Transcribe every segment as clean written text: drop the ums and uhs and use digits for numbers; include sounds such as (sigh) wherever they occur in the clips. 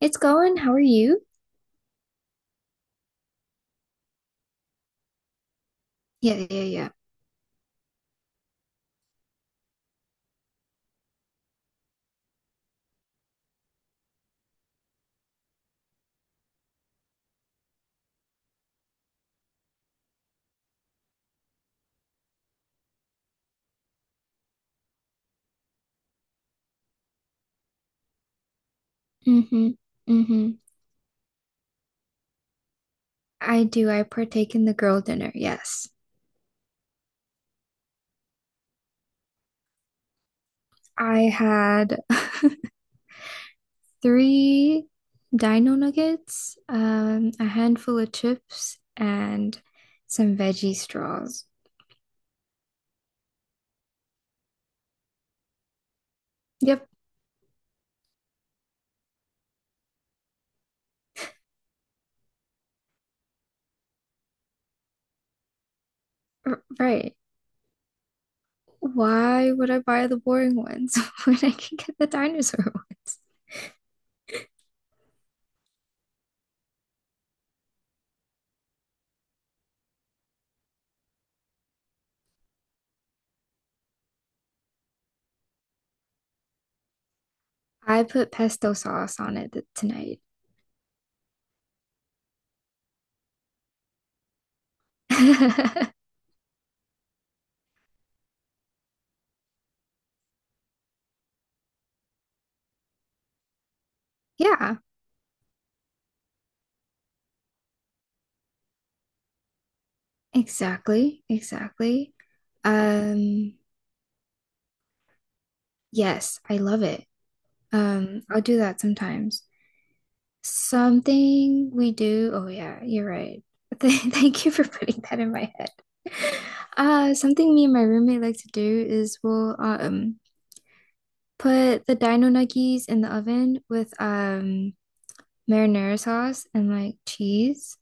It's going. How are you? Yeah, yeah, yeah. Mm-hmm. Mm-hmm. I do. I partake in the girl dinner. Yes. I had (laughs) three dino nuggets, a handful of chips, and some veggie straws. Yep, right. Why would I buy the boring ones (laughs) when I can get the dinosaur (laughs) ones? I put pesto sauce on it tonight. (laughs) Yeah. Exactly, exactly. Um, yes, I love it. I'll do that sometimes. Something we do, oh yeah, you're right. (laughs) Thank you for putting that in my head. (laughs) Something me and my roommate like to do is we'll put the dino nuggies in the oven with marinara sauce and like cheese,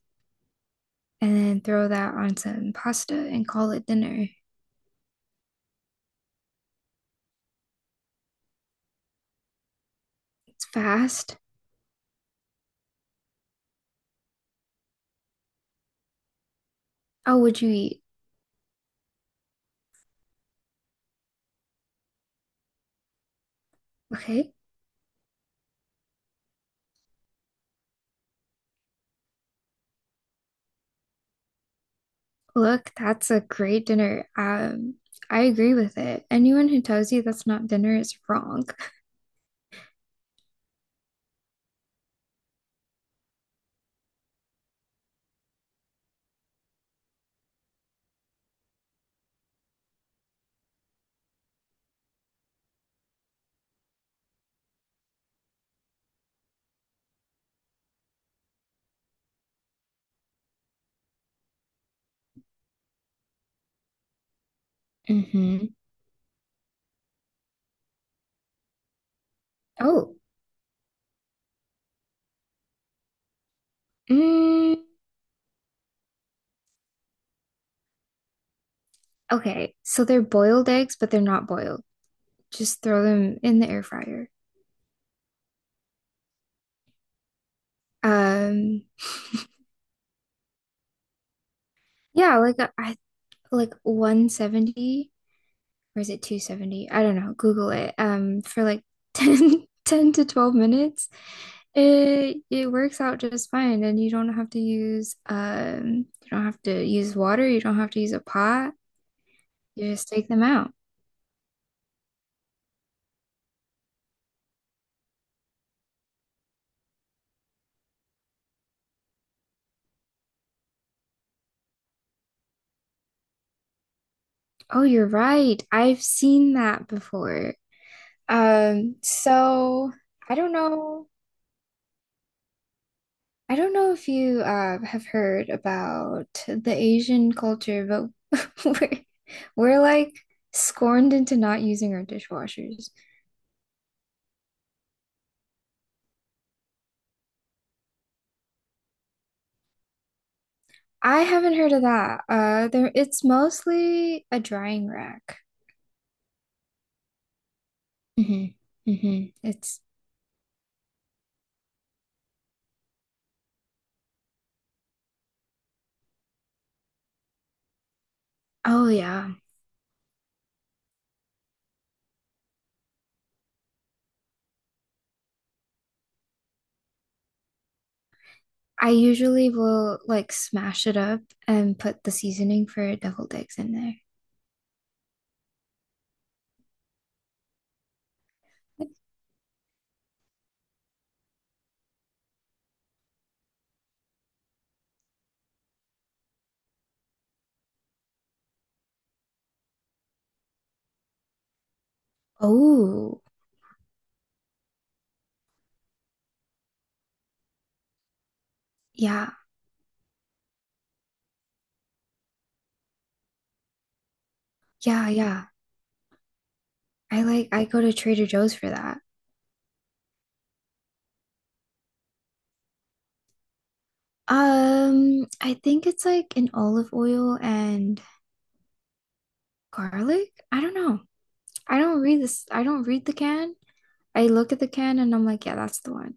and then throw that on some pasta and call it dinner. It's fast. Oh, would you eat? Okay. Look, that's a great dinner. I agree with it. Anyone who tells you that's not dinner is wrong. Mm-hmm. Oh, mm, okay. So they're boiled eggs, but they're not boiled. Just throw them in the air fryer. Um, yeah, like I like 170, or is it 270? I don't know. Google it. For like (laughs) 10, 10 to 12 minutes, it works out just fine. And you don't have to use you don't have to use water, you don't have to use a pot. You just take them out. Oh, you're right. I've seen that before. So I don't know. I don't know if you have heard about the Asian culture, but (laughs) we're like scorned into not using our dishwashers. I haven't heard of that. It's mostly a drying rack. Hmm. Hmm. Oh yeah. I usually will like smash it up and put the seasoning for deviled eggs in there. Oh, yeah, yeah, yeah. I like, I go to Trader Joe's for that. I think it's like an olive oil and garlic. I don't know. I don't read this. I don't read the can. I look at the can and I'm like, yeah, that's the one.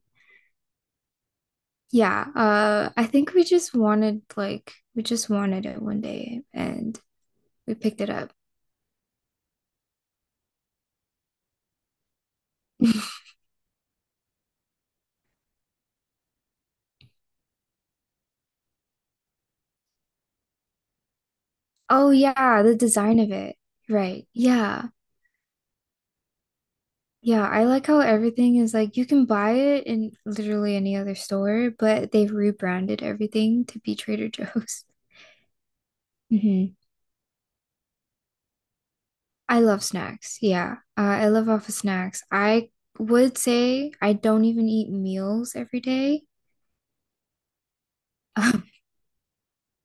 Yeah. I think we just wanted it one day and we picked it up. (laughs) Oh yeah, the design of it. Right. Yeah. Yeah, I like how everything is like you can buy it in literally any other store, but they've rebranded everything to be Trader Joe's. (laughs) Mhm. I love snacks. Yeah. I live off of snacks. I would say I don't even eat meals every day. (laughs) Um,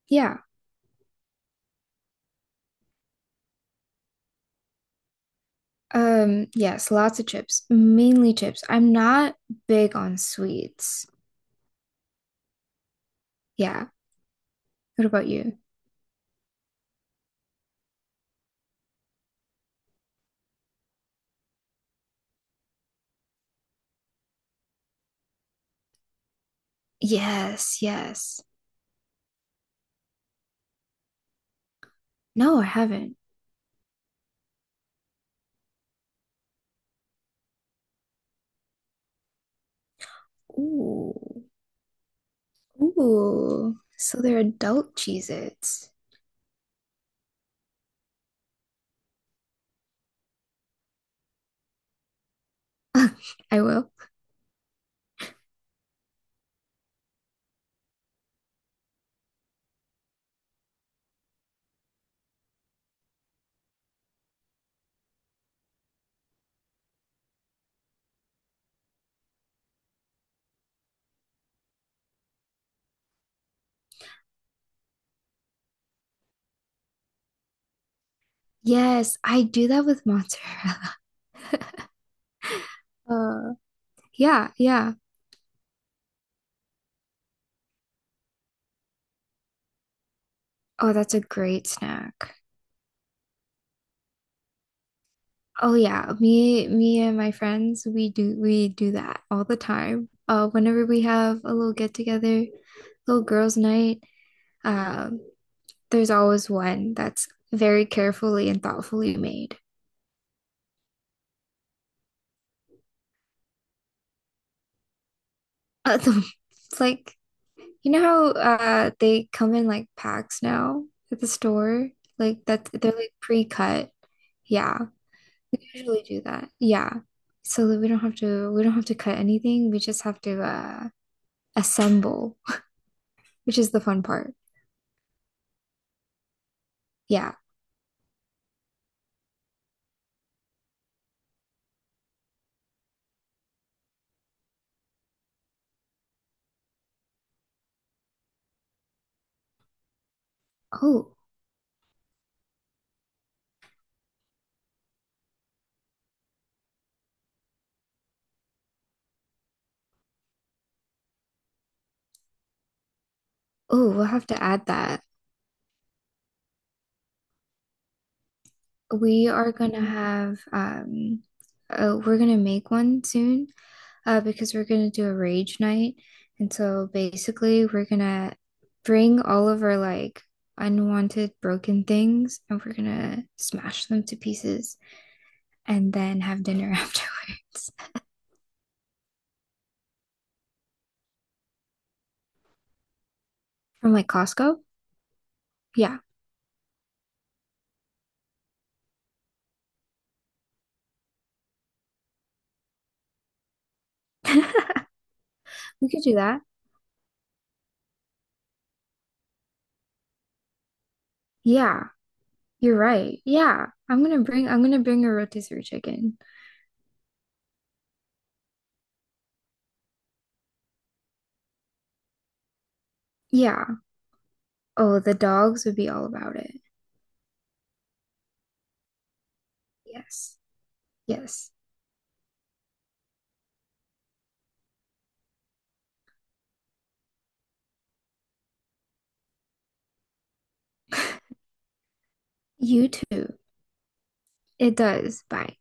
yeah. Yes, lots of chips, mainly chips. I'm not big on sweets. Yeah. What about you? Yes, yes. No, I haven't. Ooh. Ooh. So they're adult Cheez-Its. (laughs) I will. Yes, I do that with mozzarella. (laughs) Uh, yeah, yeah. Oh, that's a great snack. Oh yeah, me and my friends, we do that all the time. Whenever we have a little get together, little girls' night, um, there's always one that's very carefully and thoughtfully made. Uh, (laughs) the- it's like you know how they come in like packs now at the store, like that they're like pre-cut. Yeah, we usually do that. Yeah, so that we don't have to cut anything. We just have to assemble, (laughs) which is the fun part. Yeah. Oh, oh, we'll have to add that. We are gonna have we're gonna make one soon because we're gonna do a rage night. And so basically we're gonna bring all of our like unwanted broken things and we're gonna smash them to pieces and then have dinner (laughs) afterwards. From like Costco? Yeah. (laughs) We could do that. Yeah, you're right. Yeah. I'm gonna bring a rotisserie chicken. Yeah. Oh, the dogs would be all about it. Yes. Yes. (laughs) You too. It does. Bye.